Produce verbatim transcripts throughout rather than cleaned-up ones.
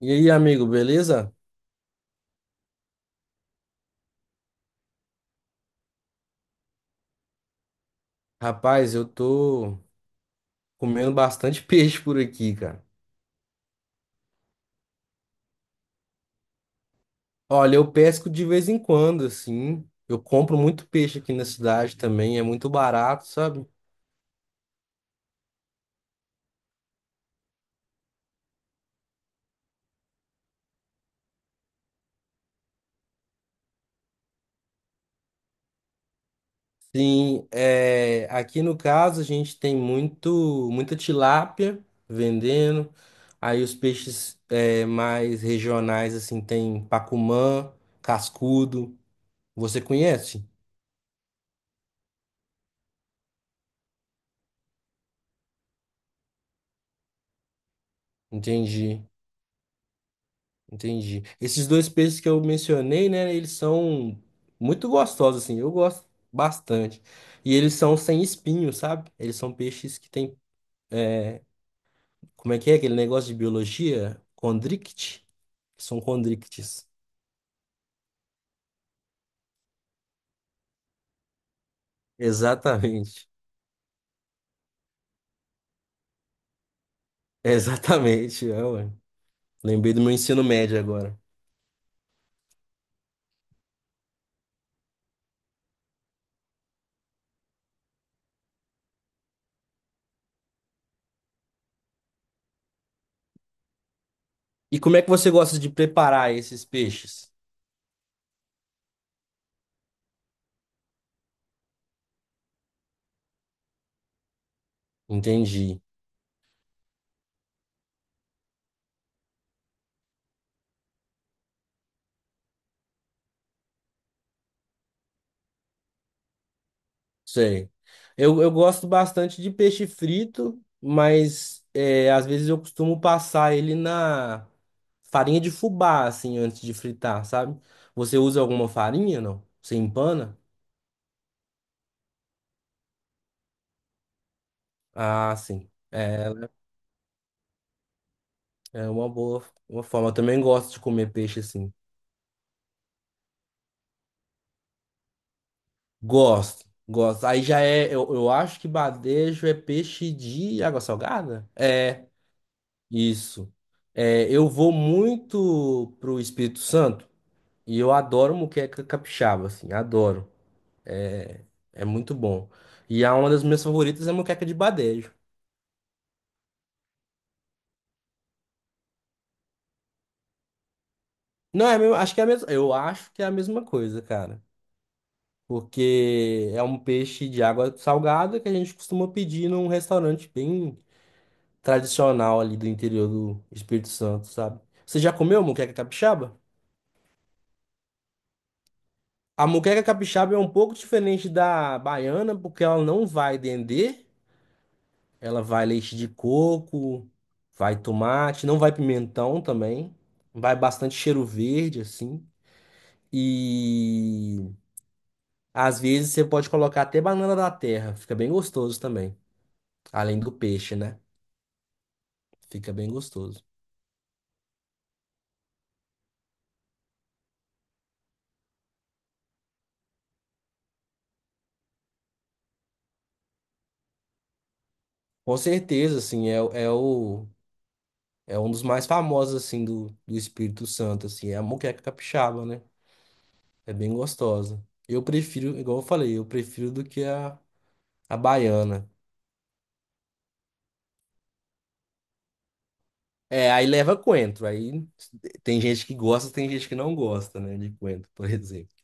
E aí, amigo, beleza? Rapaz, eu tô comendo bastante peixe por aqui, cara. Olha, eu pesco de vez em quando, assim. Eu compro muito peixe aqui na cidade também, é muito barato, sabe? Sim, é, aqui no caso a gente tem muito, muita tilápia vendendo. Aí os peixes é, mais regionais, assim, tem pacumã, cascudo. Você conhece? Entendi. Entendi. Esses dois peixes que eu mencionei, né, eles são muito gostosos, assim, eu gosto bastante. E eles são sem espinho, sabe? Eles são peixes que têm, como é que é aquele negócio de biologia? Condrict? São condrictes. Exatamente. Exatamente. É, ué. Lembrei do meu ensino médio agora. E como é que você gosta de preparar esses peixes? Entendi. Sei. Eu, eu gosto bastante de peixe frito, mas é, às vezes eu costumo passar ele na farinha de fubá, assim, antes de fritar, sabe? Você usa alguma farinha, não? Você empana? Ah, sim. É, é uma boa uma forma. Eu também gosto de comer peixe assim. Gosto, gosto. Aí já é, eu, eu acho que badejo é peixe de água salgada? É, isso. É, eu vou muito pro Espírito Santo. E eu adoro moqueca capixaba, assim, adoro. É, é muito bom. E a uma das minhas favoritas é moqueca de badejo. Não, é, a mesma- acho que é a mesma, eu acho que é a mesma coisa, cara. Porque é um peixe de água salgada que a gente costuma pedir num restaurante bem tradicional ali do interior do Espírito Santo, sabe? Você já comeu moqueca capixaba? A moqueca capixaba é um pouco diferente da baiana, porque ela não vai dendê. Ela vai leite de coco, vai tomate, não vai pimentão também. Vai bastante cheiro verde, assim. E às vezes você pode colocar até banana da terra, fica bem gostoso também. Além do peixe, né? Fica bem gostoso. Com certeza, assim, é, o- é o é um dos mais famosos assim do, do Espírito Santo, assim, é a moqueca capixaba, né? É bem gostosa. Eu prefiro, igual eu falei, eu prefiro do que a, a baiana. É, aí leva coentro. Aí tem gente que gosta, tem gente que não gosta, né, de coentro, por exemplo.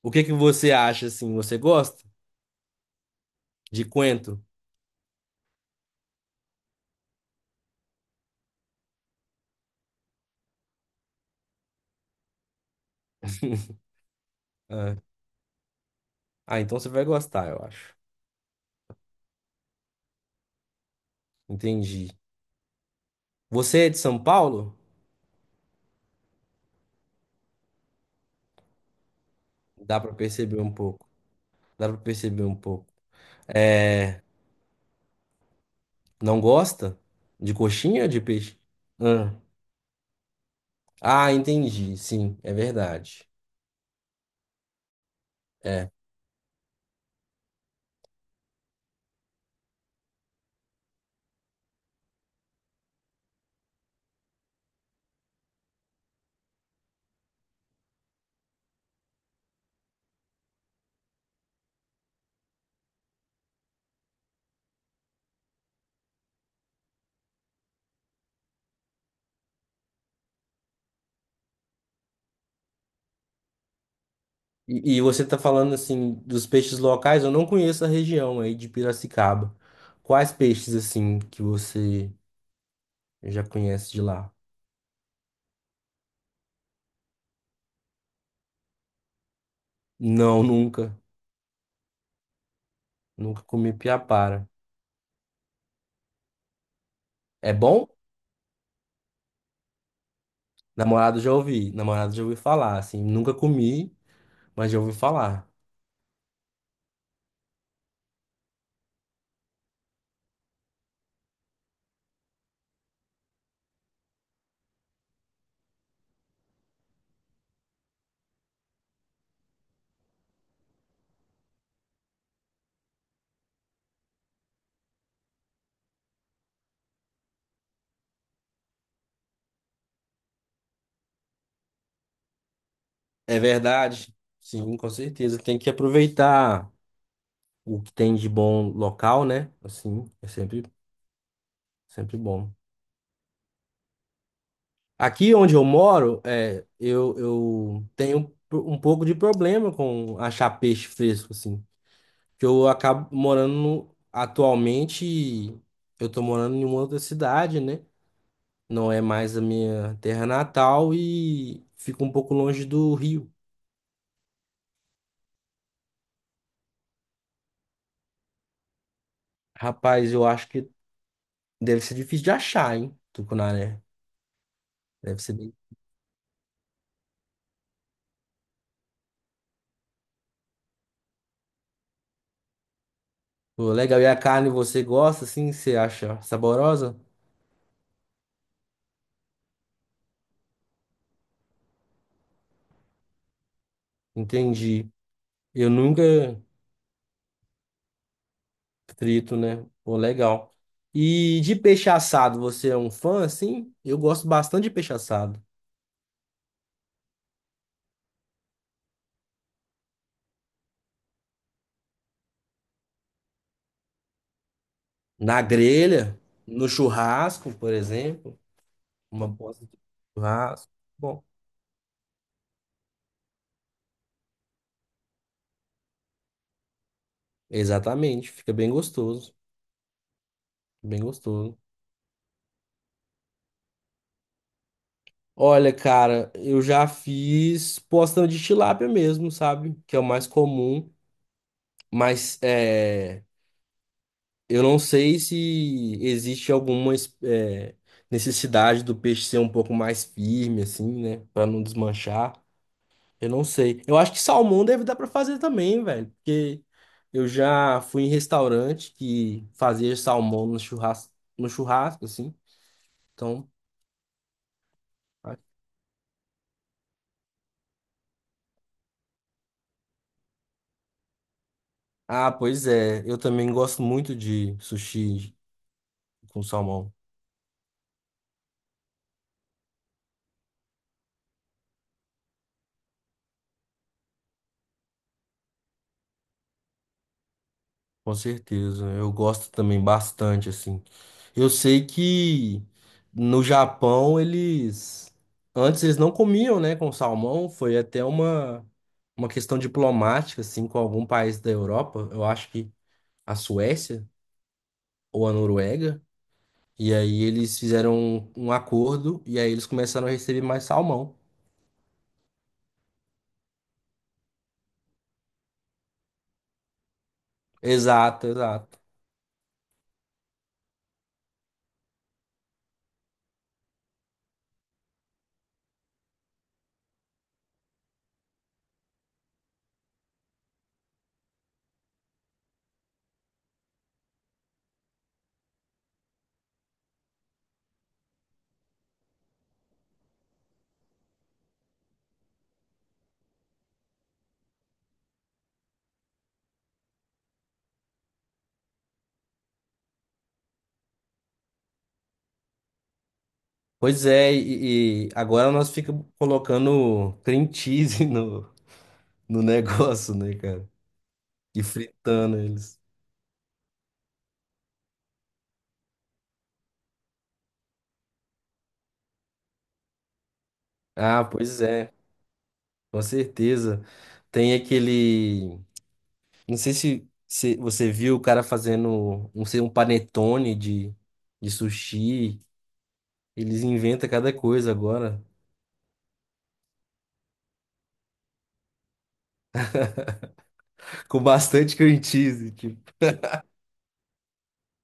O que que você acha assim? Você gosta de coentro? Ah, ah, então você vai gostar, eu acho. Entendi. Você é de São Paulo? Dá pra perceber um pouco. Dá pra perceber um pouco. É, não gosta de coxinha ou de peixe? Ah, ah, entendi. Sim, é verdade. E, e você está falando assim dos peixes locais, eu não conheço a região aí de Piracicaba. Quais peixes assim que você já conhece de lá? Não, nunca. Nunca comi piapara. É bom? Namorado já ouvi, namorado já ouvi falar, assim, nunca comi, mas já ouvi falar. É verdade? Sim, com certeza. Tem que aproveitar o que tem de bom local, né? Assim, é sempre, sempre bom. Aqui onde eu moro, é, eu, eu tenho um pouco de problema com achar peixe fresco, assim. Que eu acabo morando no- atualmente, eu tô morando em uma outra cidade, né? Não é mais a minha terra natal e fico um pouco longe do rio. Rapaz, eu acho que deve ser difícil de achar, hein? Tucunaré. Deve ser bem. Pô, legal. E a carne você gosta, assim? Você acha saborosa? Entendi. Eu nunca. Frito, né? Pô, legal. E de peixe assado, você é um fã, assim? Eu gosto bastante de peixe assado. Na grelha, no churrasco, por exemplo. Uma posta de churrasco. Bom, exatamente. Fica bem gostoso. Bem gostoso. Olha, cara, eu já fiz postão de tilápia mesmo, sabe? Que é o mais comum. Mas é. Eu não sei se existe alguma es- eh, necessidade do peixe ser um pouco mais firme, assim, né? Pra não desmanchar. Eu não sei. Eu acho que salmão deve dar pra fazer também, velho. Porque eu já fui em restaurante que fazia salmão no churrasco, no churrasco, assim. Então. Ah, pois é. Eu também gosto muito de sushi com salmão. Com certeza, eu gosto também bastante, assim. Eu sei que no Japão eles. Antes eles não comiam, né, com salmão, foi até uma, uma questão diplomática, assim, com algum país da Europa, eu acho que a Suécia ou a Noruega. E aí eles fizeram um, um acordo e aí eles começaram a receber mais salmão. Exato, exato. Pois é, e, e agora nós ficamos colocando cream cheese no, no negócio, né, cara? E fritando eles. Ah, pois é, com certeza. Tem aquele. Não sei se se você viu o cara fazendo um, sei, um panetone de, de sushi. Eles inventam cada coisa agora. Com bastante cream cheese, tipo.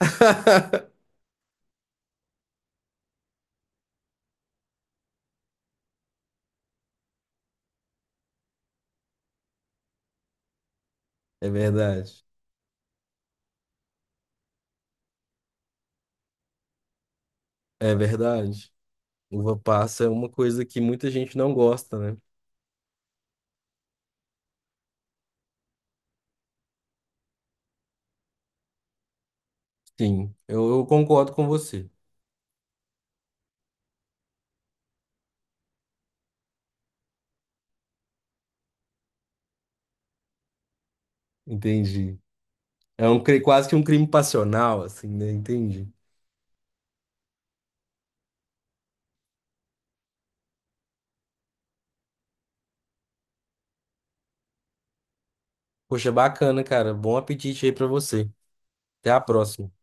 É verdade. É verdade. Uva passa é uma coisa que muita gente não gosta, né? Sim, eu, eu concordo com você. Entendi. É um, cri- quase que um crime passional, assim, né? Entendi. Poxa, bacana, cara. Bom apetite aí pra você. Até a próxima.